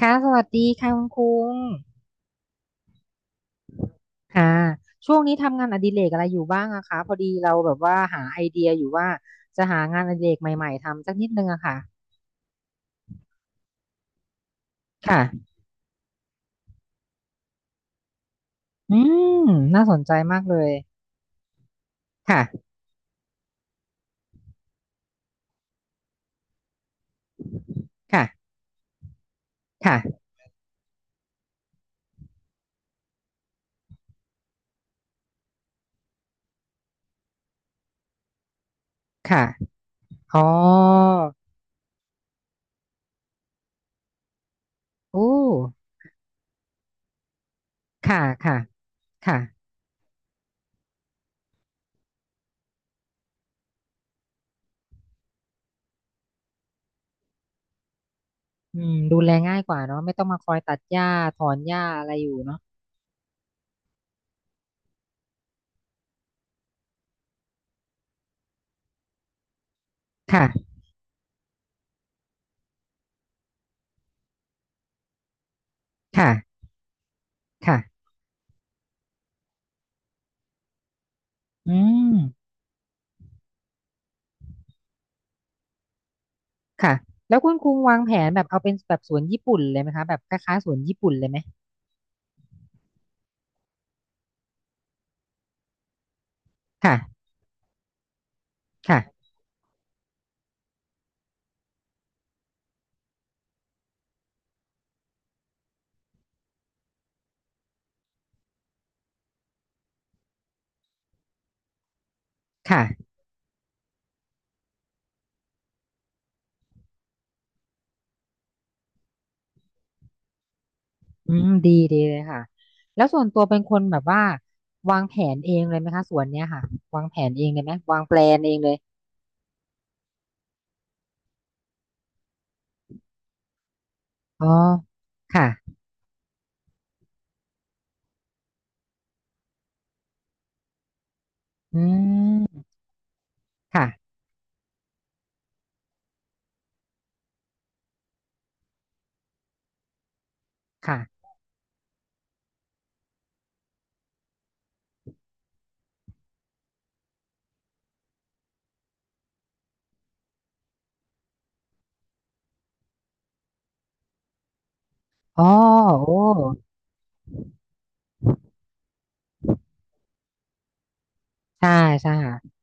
ค่ะสวัสดีค่ะคุณคุงค่ะช่วงนี้ทำงานอดิเรกอะไรอยู่บ้างอะคะพอดีเราแบบว่าหาไอเดียอยู่ว่าจะหางานอดิเรกใหม่ๆทำสักนิดนึงอะค่ะค่ะอืมน่าสนใจมากเลยค่ะค่ะค่ะค่ะอ๋อโอ้ค่ะค่ะค่ะอืมดูแลง่ายกว่าเนาะไม่ต้องมาคอยตัดหญ้าถอนหญ้าอะไรอยู่เนาะค่ะค่ะค่ะอืม ค่ะแล้วคุณคุงวางแผนแบบเอาเป็นแบบสวนญี่ปุ่นเลยไหมคะแบบคล้ายๆสวนญี่ปุ่นเลยไหมค่ะค่ะค่ะอืมดีดีเลยค่ะแล้วส่วนตัวเป็นคนแบบว่าวางแผนเองเลยไหมคะสวนเนี้ยค่ะวางแผนเองเลยไหมวางแปลนเองเลยอ๋อค่ะอืมค่ะค่ะอ๋อโอ้ใช่ใช่ค่ะ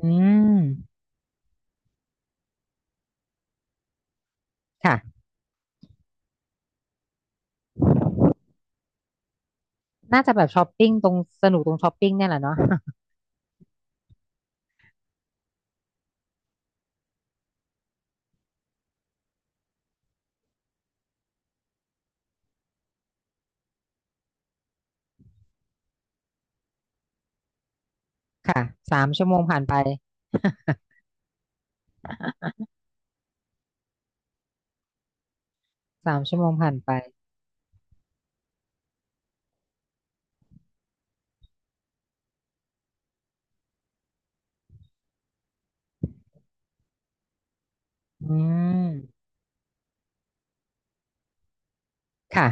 อืมค่ะน่าจะแบบช้อปปิ้งตรงสนุกตรงช้อปปิ้งเนี่ยแหละเนาะ ค่ะ3 ชั่วโมงผ่านไป 3 ชั่วโมงผ่านไปอืมค่ะ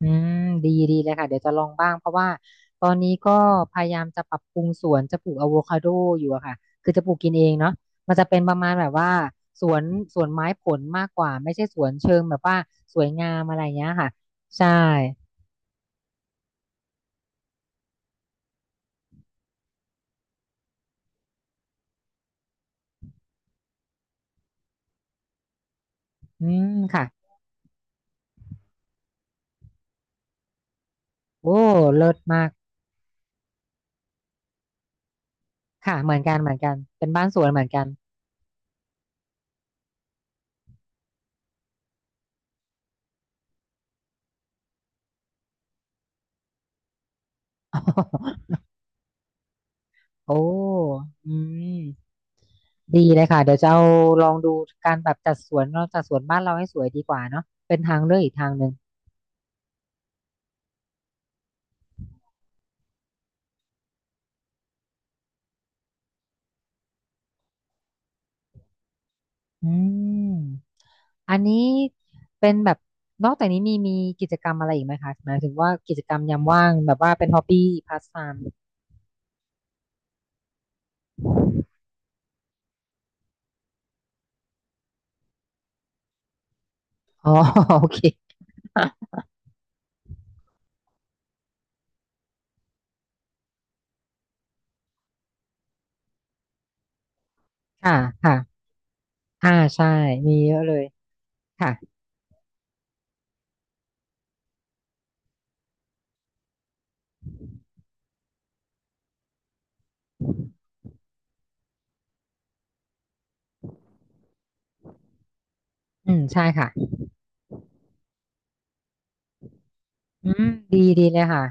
อืมดีดีเลยค่ะเดี๋ยวจะลองบ้างเพราะว่าตอนนี้ก็พยายามจะปรับปรุงสวนจะปลูกอะโวคาโดอยู่อะค่ะคือจะปลูกกินเองเนาะมันจะเป็นประมาณแบบว่าสวนสวนไม้ผลมากกว่าไม่ใช่สวนเชิงแบบว่าสวยงามอะไรเงี้ยค่ะใช่อืมค่ะโอ้เลิศมากค่ะเหมือนกันเหมือนกันเป็นบ้านสวนเหมือนกัน โอ้อืมดีเลยค่ะเดี๋ยวจะเอาลองดูการแบบจัดสวนเราจัดสวนบ้านเราให้สวยดีกว่าเนาะเป็นทางเลือกอีกทางหนึ่ง อืมอันนี้เป็นแบบนอกจากนี้มีกิจกรรมอะไรอีกไหมคะหมายถึงว่ากิจกรรมยามว่างแบบว่าเป็นฮอบบี้พาสไทม์อ๋อ โอเคค่ะค่ะอ่าใช่มีเยอะเลยค่ะอืมใช่ค่ะอืมดีดีเลยค่ะ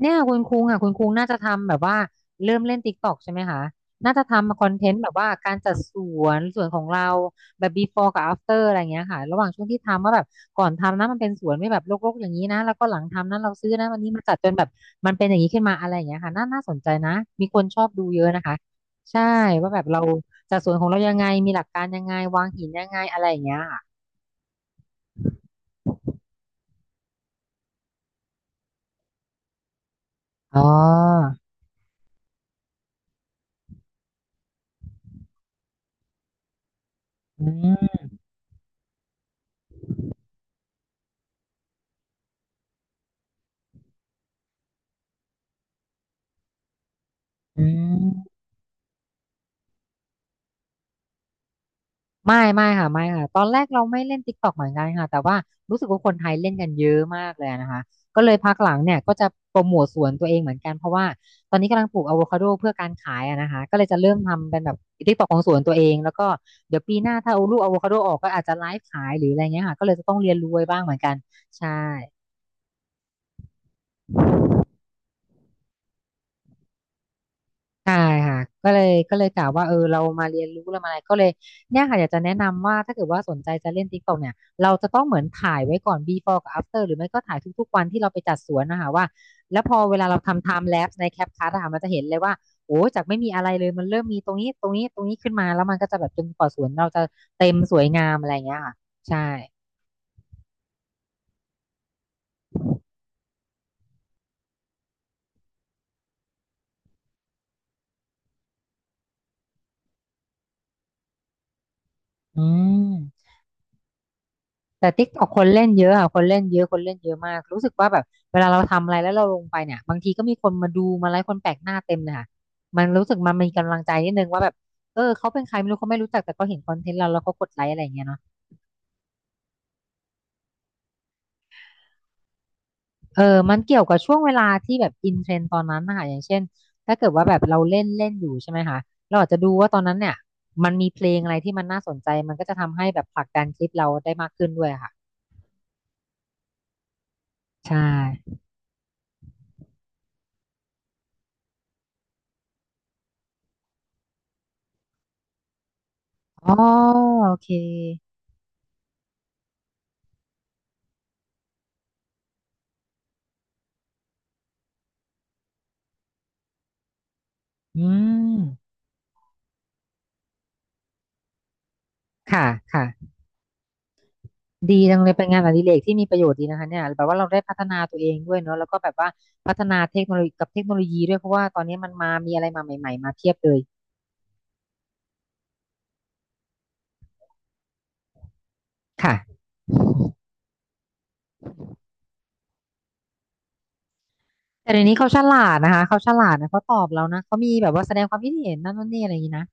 เนี่ยคุณคุงอ่ะคุณคุงน่าจะทำแบบว่าเริ่มเล่นติ๊กตอกใช่ไหมคะน่าจะทำคอนเทนต์แบบว่าการจัดสวนของเราแบบ before กับ after อะไรเงี้ยค่ะระหว่างช่วงที่ทำว่าแบบก่อนทำนะมันเป็นสวนไม่แบบรกๆอย่างนี้นะแล้วก็หลังทำนะเราซื้อนะวันนี้มาจัดจนแบบมันเป็นอย่างนี้ขึ้นมาอะไรอย่างเงี้ยค่ะน่าน่าสนใจนะมีคนชอบดูเยอะนะคะใช่ว่าแบบเราจัดสวนของเรายังไงมีหลักการยังไงวางหินยังไงอะไรอย่างเงี้ยค่ะอ๋ออืมอืม ไม่ไม่ค่ะไม่ค่ะตอนแรกเราไม่เล่น TikTok เหมือนกันค่ะแต่ว่ารู้สึกว่าคนไทยเล่นกันเยอะมากเลยนะคะก็เลยพักหลังเนี่ยก็จะโปรโมทสวนตัวเองเหมือนกันเพราะว่าตอนนี้กำลังปลูกอะโวคาโดเพื่อการขายอะนะคะก็เลยจะเริ่มทำเป็นแบบ TikTok ของสวนตัวเองแล้วก็เดี๋ยวปีหน้าถ้าเอาลูกอะโวคาโดออกก็อาจจะไลฟ์ขายหรืออะไรเงี้ยค่ะก็เลยจะต้องเรียนรู้ไว้บ้างเหมือนกันใช่ ใช่ค่ะก็เลยกล่าวว่าเออเรามาเรียนรู้เรามาอะไรก็เลยเนี่ยค่ะอยากจะแนะนำว่าถ้าเกิดว่าสนใจจะเล่น TikTok เนี่ยเราจะต้องเหมือนถ่ายไว้ก่อน before กับ after หรือไม่ก็ถ่ายทุกๆวันที่เราไปจัดสวนนะคะว่าแล้วพอเวลาเราทำ time lapse ใน CapCut อะค่ะมันจะเห็นเลยว่าโอ้จากไม่มีอะไรเลยมันเริ่มมีตรงนี้ขึ้นมาแล้วมันก็จะแบบจนกว่าสวนเราจะเต็มสวยงามอะไรอย่างเงี้ยค่ะใช่อืม แต่ติ๊กออกคนเล่นเยอะค่ะคนเล่นเยอะคนเล่นเยอะมากรู้สึกว่าแบบเวลาเราทำอะไรแล้วเราลงไปเนี่ยบางทีก็มีคนมาดูมาไลค์คนแปลกหน้าเต็มเลยค่ะมันรู้สึกมันมีกำลังใจนิดนึงว่าแบบเออเขาเป็นใครไม่รู้เขาไม่รู้จักแต่ก็เห็นคอนเทนต์เราแล้วก็กดไลค์อะไรอย่างเงี้ยเนาะเออมันเกี่ยวกับช่วงเวลาที่แบบอินเทรนด์ตอนนั้นนะคะอย่างเช่นถ้าเกิดว่าแบบเราเล่นเล่นอยู่ใช่ไหมคะเราอาจจะดูว่าตอนนั้นเนี่ยมันมีเพลงอะไรที่มันน่าสนใจมันก็จะทำให้แบบผลักดันคลิปเราได้มากขึ้นด้วยอะค่ะใช่อ๋อโอเคอืม ค่ะค่ะดีจังเลยเป็นงานอดิเรกที่มีประโยชน์ดีนะคะเนี่ยแบบว่าเราได้พัฒนาตัวเองด้วยเนอะแล้วก็แบบว่าพัฒนาเทคโนโลยีกับเทคโนโลยีด้วยเพราะว่าตอนนี้มันมามีอะไรมาใหม่ๆมาเพียบเลยค่ะแต่เดี๋ยวนี้เขาฉลาดนะคะเขาฉลาดนะเขาตอบเรานะเขามีแบบว่าแสดงความคิดเห็นนั่นนู่นนี่อะไรอย่างนี้นะ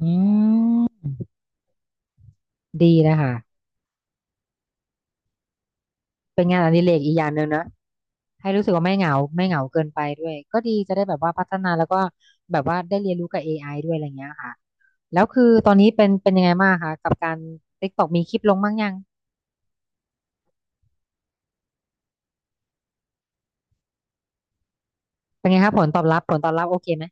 อืมดีนะคะเป็นงานอดิเรกอีกอย่างหนึ่งนะให้รู้สึกว่าไม่เหงาไม่เหงาเกินไปด้วยก็ดีจะได้แบบว่าพัฒนาแล้วก็แบบว่าได้เรียนรู้กับเอไอด้วยอะไรอย่างเงี้ยค่ะ แล้วคือตอนนี้เป็นยังไงบ้างคะกับการ TikTok มีคลิปลงบ้างยังเป็นไงคะผลตอบรับผลตอบรับโอเคไหม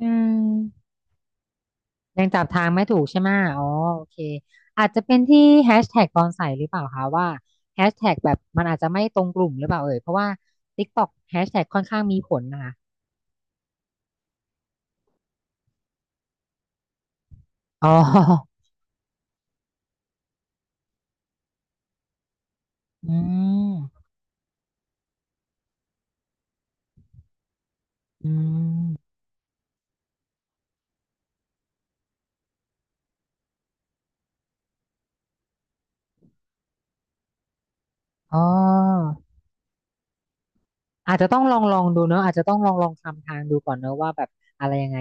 อืมยังจับทางไม่ถูกใช่ไหมอ๋อโอเคอาจจะเป็นที่แฮชแท็กตอนใส่หรือเปล่าคะว่าแฮชแท็กแบบมันอาจจะไม่ตรงกลุ่มหรือเปล่าเอ่ยเพราะว่า TikTok แฮชแท็กค่อนข้างมีผลนะคะอ๋ออืมอืมอ๋ออาจจะต้องลองดูเนอะอาจจะต้องลองทำทางดูก่อนเนอะว่าแบบอะไรยังไง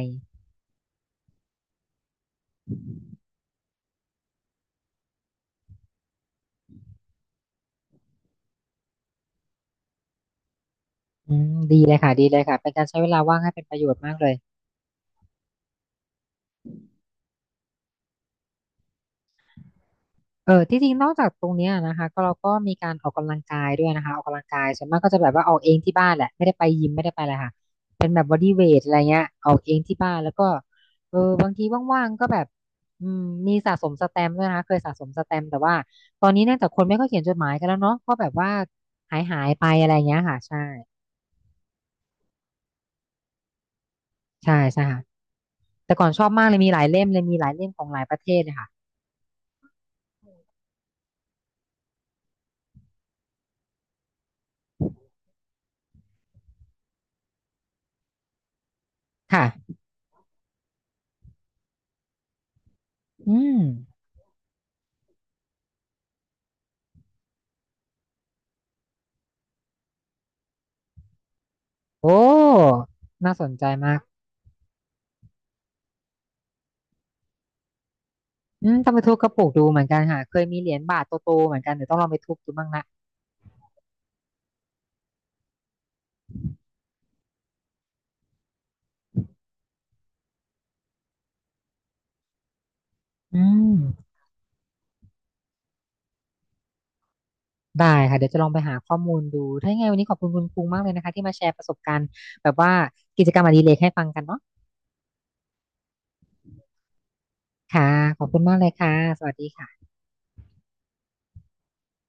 อืมดีเลยค่ะดีเลยค่ะเป็นการใช้เวลาว่างให้เป็นประโยชน์มากเลย เออที่จริงนอกจากตรงเนี้ยนะคะก็เราก็มีการออกกำลังกายด้วยนะคะออกกำลังกายส่วนมากก็จะแบบว่าออกเองที่บ้านแหละไม่ได้ไปยิมไม่ได้ไปอะไรค่ะเป็นแบบบอดี้เวทอะไรเงี้ยออกเองที่บ้านแล้วก็เออบางทีว่างๆก็แบบอืมมีสะสมสแตมป์ด้วยนะคะเคยสะสมสแตมป์แต่ว่าตอนนี้เนื่องจากคนไม่ค่อยเขียนจดหมายกันแล้วเนาะก็แบบว่าหายไปอะไรเงี้ยค่ะใช่ใช่ใช่ค่ะแต่ก่อนชอบมากเลยมีหลายเล่มเลยมีหลายเล่มของหลายประเทศเลยค่ะค่ะอืมโอ้น่าสนใจมาก อืมต้องไปทุบกระปุกดูเหมือนกันค่ะเคยมีเหรียญบาทโตๆเหมือนกันเดี๋ยวต้องลองไปทุบดูบ้างละอืมได้ค่ะเดี๋ยวจะลองไปหาข้อมูลดูถ้ายังไงวันนี้ขอบคุณคุณภูมิมากเลยนะคะที่มาแชร์ประสบการณ์แบบว่ากิจกรรมอดิเรกให้ฟังกันเนาะค่ะขอบคุณมากเลยค่ะสวัสดีค่ะ